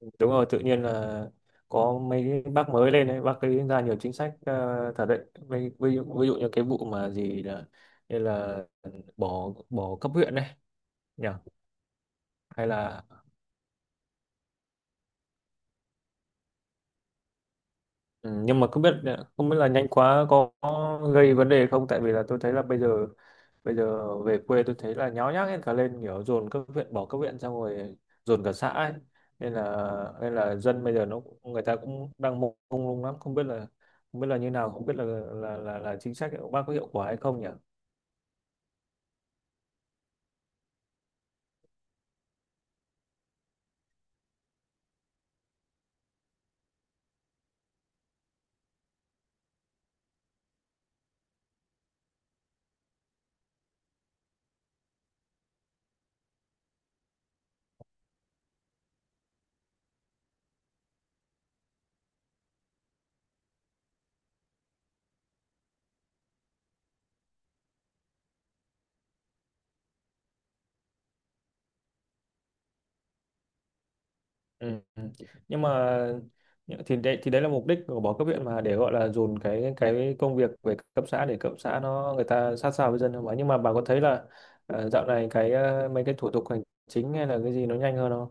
Đúng rồi, tự nhiên là có mấy cái bác mới lên đấy, bác ấy ra nhiều chính sách thật đấy. Ví dụ như cái vụ mà gì là, như là bỏ bỏ cấp huyện này nhỉ, hay là. Ừ, nhưng mà không biết là nhanh quá có gây vấn đề không, tại vì là tôi thấy là bây giờ về quê tôi thấy là nháo nhác hết cả lên, kiểu dồn các huyện, bỏ các huyện xong rồi dồn cả xã ấy. Nên là dân bây giờ người ta cũng đang mông mông lung lắm, không biết là như nào, không biết là là chính sách của bác có hiệu quả hay không nhỉ? Ừ. Ừ. nhưng mà thì đấy là mục đích của bỏ cấp huyện, mà để gọi là dồn cái công việc về cấp xã để cấp xã nó người ta sát sao với dân, không ạ? Nhưng mà bà có thấy là dạo này cái, mấy cái thủ tục hành chính hay là cái gì nó nhanh hơn không?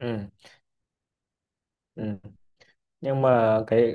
Ừ. Ừ. Nhưng mà cái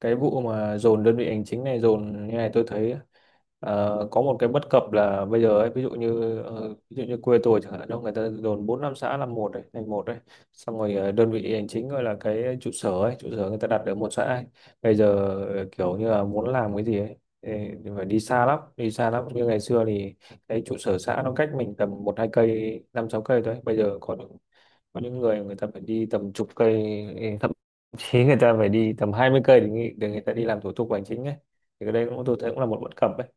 cái vụ mà dồn đơn vị hành chính này, dồn như này tôi thấy có một cái bất cập là bây giờ ấy, ví dụ như ví dụ như quê tôi chẳng hạn, đâu người ta dồn bốn năm xã làm một đấy, thành một đấy. Xong rồi đơn vị hành chính gọi là cái trụ sở ấy, trụ sở người ta đặt ở một xã ấy. Bây giờ kiểu như là muốn làm cái gì ấy thì thì phải đi xa lắm, đi xa lắm. Như ngày xưa thì cái trụ sở xã nó cách mình tầm một hai cây, năm sáu cây thôi, bây giờ có những người, người ta phải đi tầm chục cây, thậm chí người ta phải đi tầm 20 cây để người ta đi làm thủ tục hành chính ấy. Thì cái đây cũng, tôi thấy cũng là một bất cập ấy.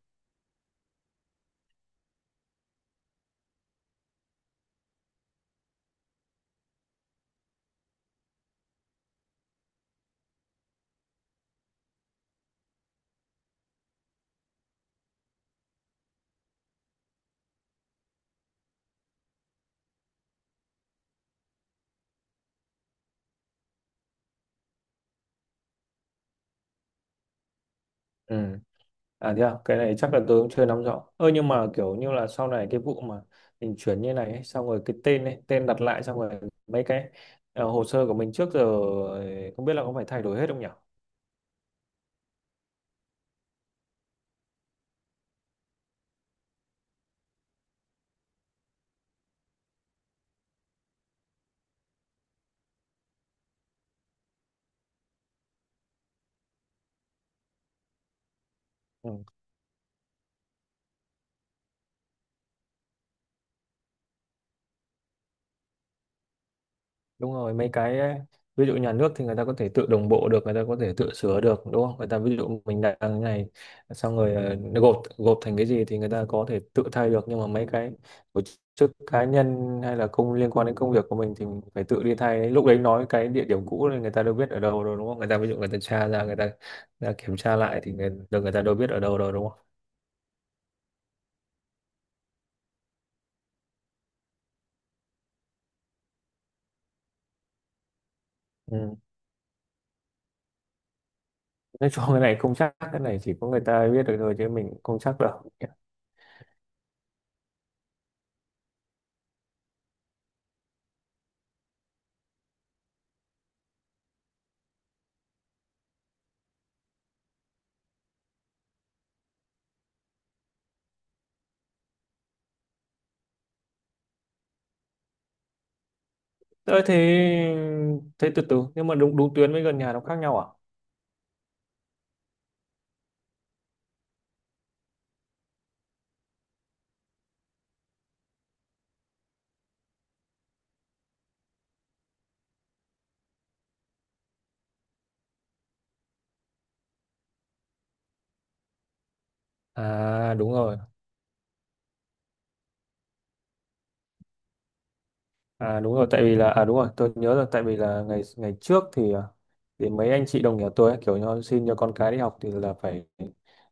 Ừ. À thế à? Cái này chắc là tôi cũng chưa nắm rõ. Ơ nhưng mà kiểu như là sau này cái vụ mà mình chuyển như này ấy, xong rồi cái tên ấy, tên đặt lại, xong rồi mấy cái hồ sơ của mình trước giờ không biết là có phải thay đổi hết không nhỉ? Ừ. Đúng rồi, mấy cái ví dụ nhà nước thì người ta có thể tự đồng bộ được, người ta có thể tự sửa được đúng không? Người ta ví dụ mình đặt cái này, xong rồi nó gộp gộp thành cái gì thì người ta có thể tự thay được. Nhưng mà mấy cái tổ chức cá nhân hay là công liên quan đến công việc của mình thì mình phải tự đi thay, lúc đấy nói cái địa điểm cũ thì người ta đâu biết ở đâu rồi đúng không? Người ta ví dụ người ta tra ra, người ta kiểm tra lại thì người ta đâu biết ở đâu rồi đúng không? Ừ. Nói chung cái này không chắc, cái này chỉ có người ta biết được thôi chứ mình không chắc đâu. Thế thế thế từ từ, nhưng mà đúng đúng tuyến với gần nhà nó khác nhau à? À đúng rồi. À đúng rồi tại vì là à đúng rồi, tôi nhớ rồi, tại vì là ngày ngày trước thì mấy anh chị đồng nghiệp tôi ấy, kiểu như xin cho con cái đi học thì là phải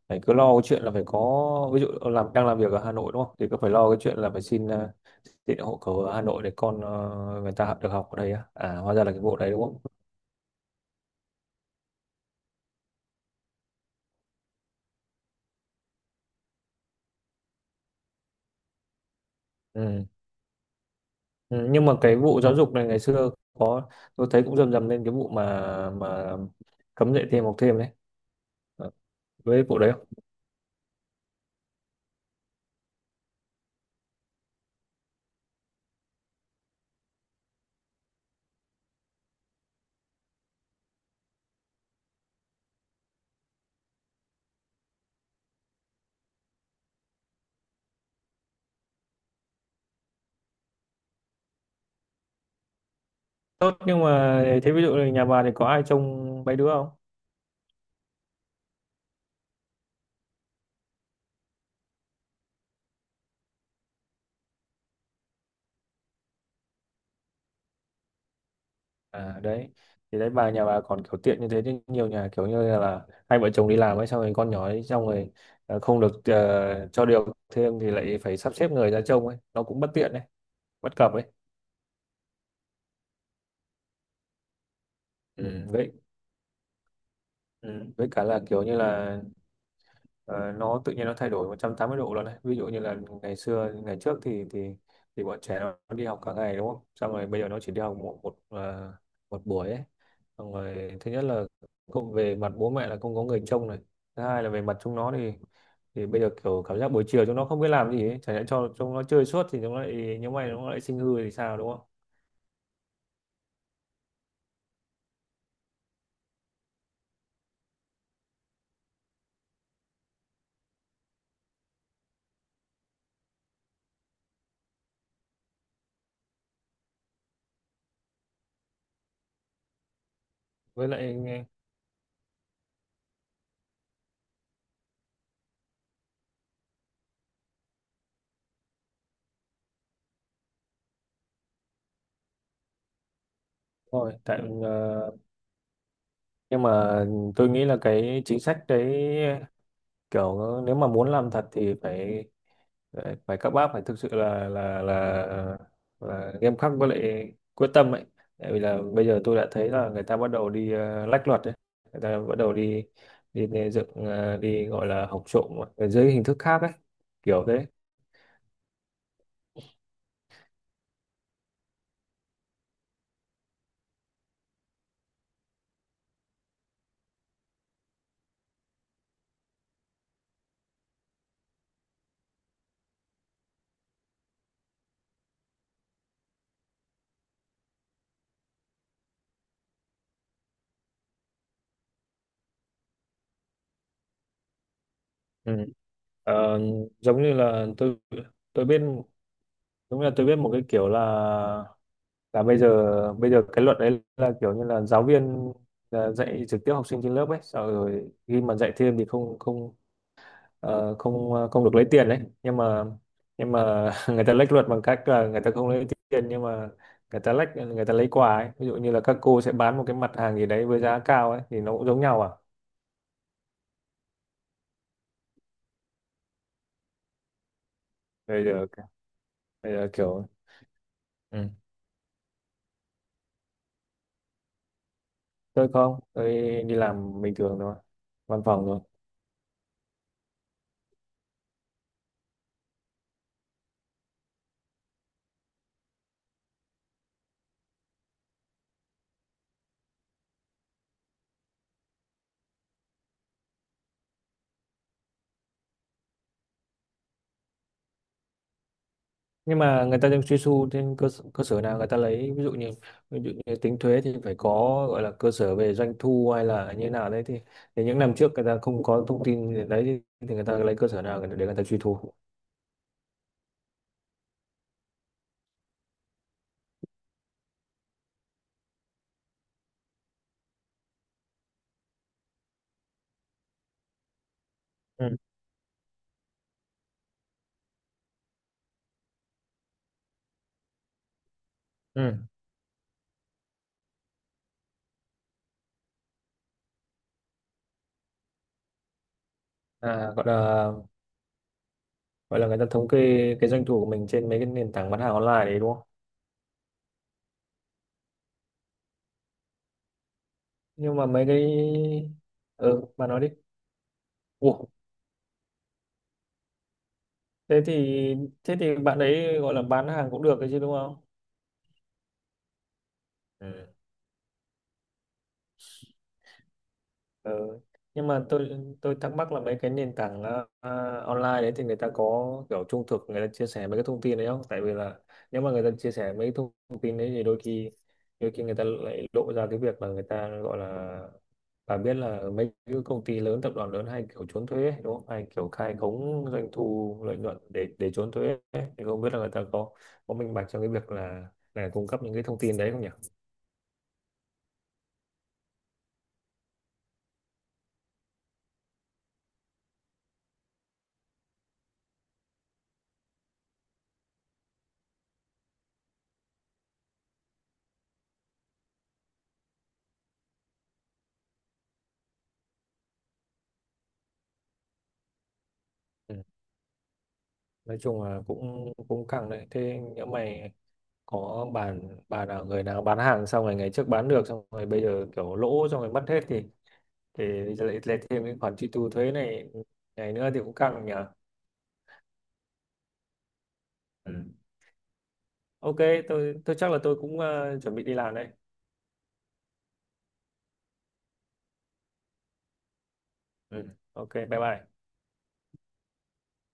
phải cứ lo cái chuyện là phải có, ví dụ làm, đang làm việc ở Hà Nội đúng không? Thì cứ phải lo cái chuyện là phải xin tiện hộ khẩu ở Hà Nội để con người ta học được, học ở đây á. À hóa ra là cái vụ đấy đúng không? Ừ. Ừ, nhưng mà cái vụ giáo dục này ngày xưa có tôi thấy cũng rầm rầm lên cái vụ mà mà cấm dạy thêm học thêm đấy. Ờ, với vụ đấy không? Tốt, nhưng mà thế ví dụ là nhà bà thì có ai trông mấy đứa không? À đấy, thì đấy bà, nhà bà còn kiểu tiện như thế, chứ nhiều nhà kiểu như là hai vợ chồng đi làm ấy, xong rồi con nhỏ ấy, xong rồi không được, cho điều thêm thì lại phải sắp xếp người ra trông ấy, nó cũng bất tiện đấy, bất cập ấy. ừ, với ừ, với cả là kiểu như là Ờ, nó tự nhiên nó thay đổi 180 độ luôn đấy. Ví dụ như là ngày trước thì thì bọn trẻ nó đi học cả ngày đúng không, xong rồi bây giờ nó chỉ đi học một một ờ, một buổi ấy. Xong rồi thứ nhất là không về mặt bố mẹ là không có người trông này, thứ hai là về mặt chúng nó thì bây giờ kiểu cảm giác buổi chiều chúng nó không biết làm gì ấy. Chẳng nhẽ cho chúng nó chơi suốt thì chúng nó lại, những mày nó lại sinh hư thì sao đúng không? Với lại thôi, nhưng mà tôi nghĩ là cái chính sách đấy, kiểu nếu mà muốn làm thật thì phải phải phải các bác phải thực sự là là nghiêm khắc với lại quyết tâm ấy. Tại vì là bây giờ tôi đã thấy là người ta bắt đầu đi lách luật ấy, người ta bắt đầu đi đi, đi dựng ờ, đi gọi là học trộm ở dưới hình thức khác ấy, kiểu thế. Ừ. Ờ, giống như là tôi tôi biết Giống như là tôi biết một cái kiểu là bây giờ cái luật đấy là kiểu như là giáo viên là dạy trực tiếp học sinh trên lớp ấy, sau rồi khi mà dạy thêm thì không không ờ, không ờ, không được lấy tiền đấy. Nhưng mà người ta lách luật bằng cách là người ta không lấy tiền, nhưng mà người ta lách, người ta lấy quà ấy, ví dụ như là các cô sẽ bán một cái mặt hàng gì đấy với giá cao ấy thì nó cũng giống nhau à. Bây giờ bây giờ kiểu. Ừ. Tôi không, tôi đi làm bình thường thôi, văn phòng thôi. Nhưng mà người ta đang truy thu trên cơ sở nào người ta lấy, ví dụ như tính thuế thì phải có gọi là cơ sở về doanh thu hay là như thế nào đấy, thì những năm trước người ta không có thông tin để đấy, thì người ta lấy cơ sở nào để người ta truy thu? Ừ. Ừ. À, gọi là người ta thống kê cái doanh thu của mình trên mấy cái nền tảng bán hàng online đấy đúng không? Nhưng mà mấy cái. Ừ, bà nói đi. Ủa, thế thì thế thì bạn ấy gọi là bán hàng cũng được đấy chứ đúng không? Ừ. Ừ. Nhưng mà tôi thắc mắc là mấy cái nền tảng online đấy thì người ta có kiểu trung thực người ta chia sẻ mấy cái thông tin đấy không? Tại vì là nếu mà người ta chia sẻ mấy cái thông thông tin đấy thì đôi khi người ta lại lộ ra cái việc là người ta gọi là, bà biết là mấy cái công ty lớn, tập đoàn lớn hay kiểu trốn thuế ấy, đúng không? Hay kiểu khai khống doanh thu lợi nhuận để trốn thuế ấy. Thì không biết là người ta có minh bạch trong cái việc là cung cấp những cái thông tin đấy không nhỉ? Ừ. Nói chung là cũng cũng căng đấy. Thế nhỡ mày có bạn bạn nào, người nào bán hàng xong rồi ngày trước bán được, xong rồi bây giờ kiểu lỗ xong rồi mất hết thì lại lại thêm cái khoản truy thu thuế này này nữa thì cũng căng nhỉ. Ừ. OK, tôi chắc là tôi cũng chuẩn bị đi làm đấy. Ừ. OK, bye bye.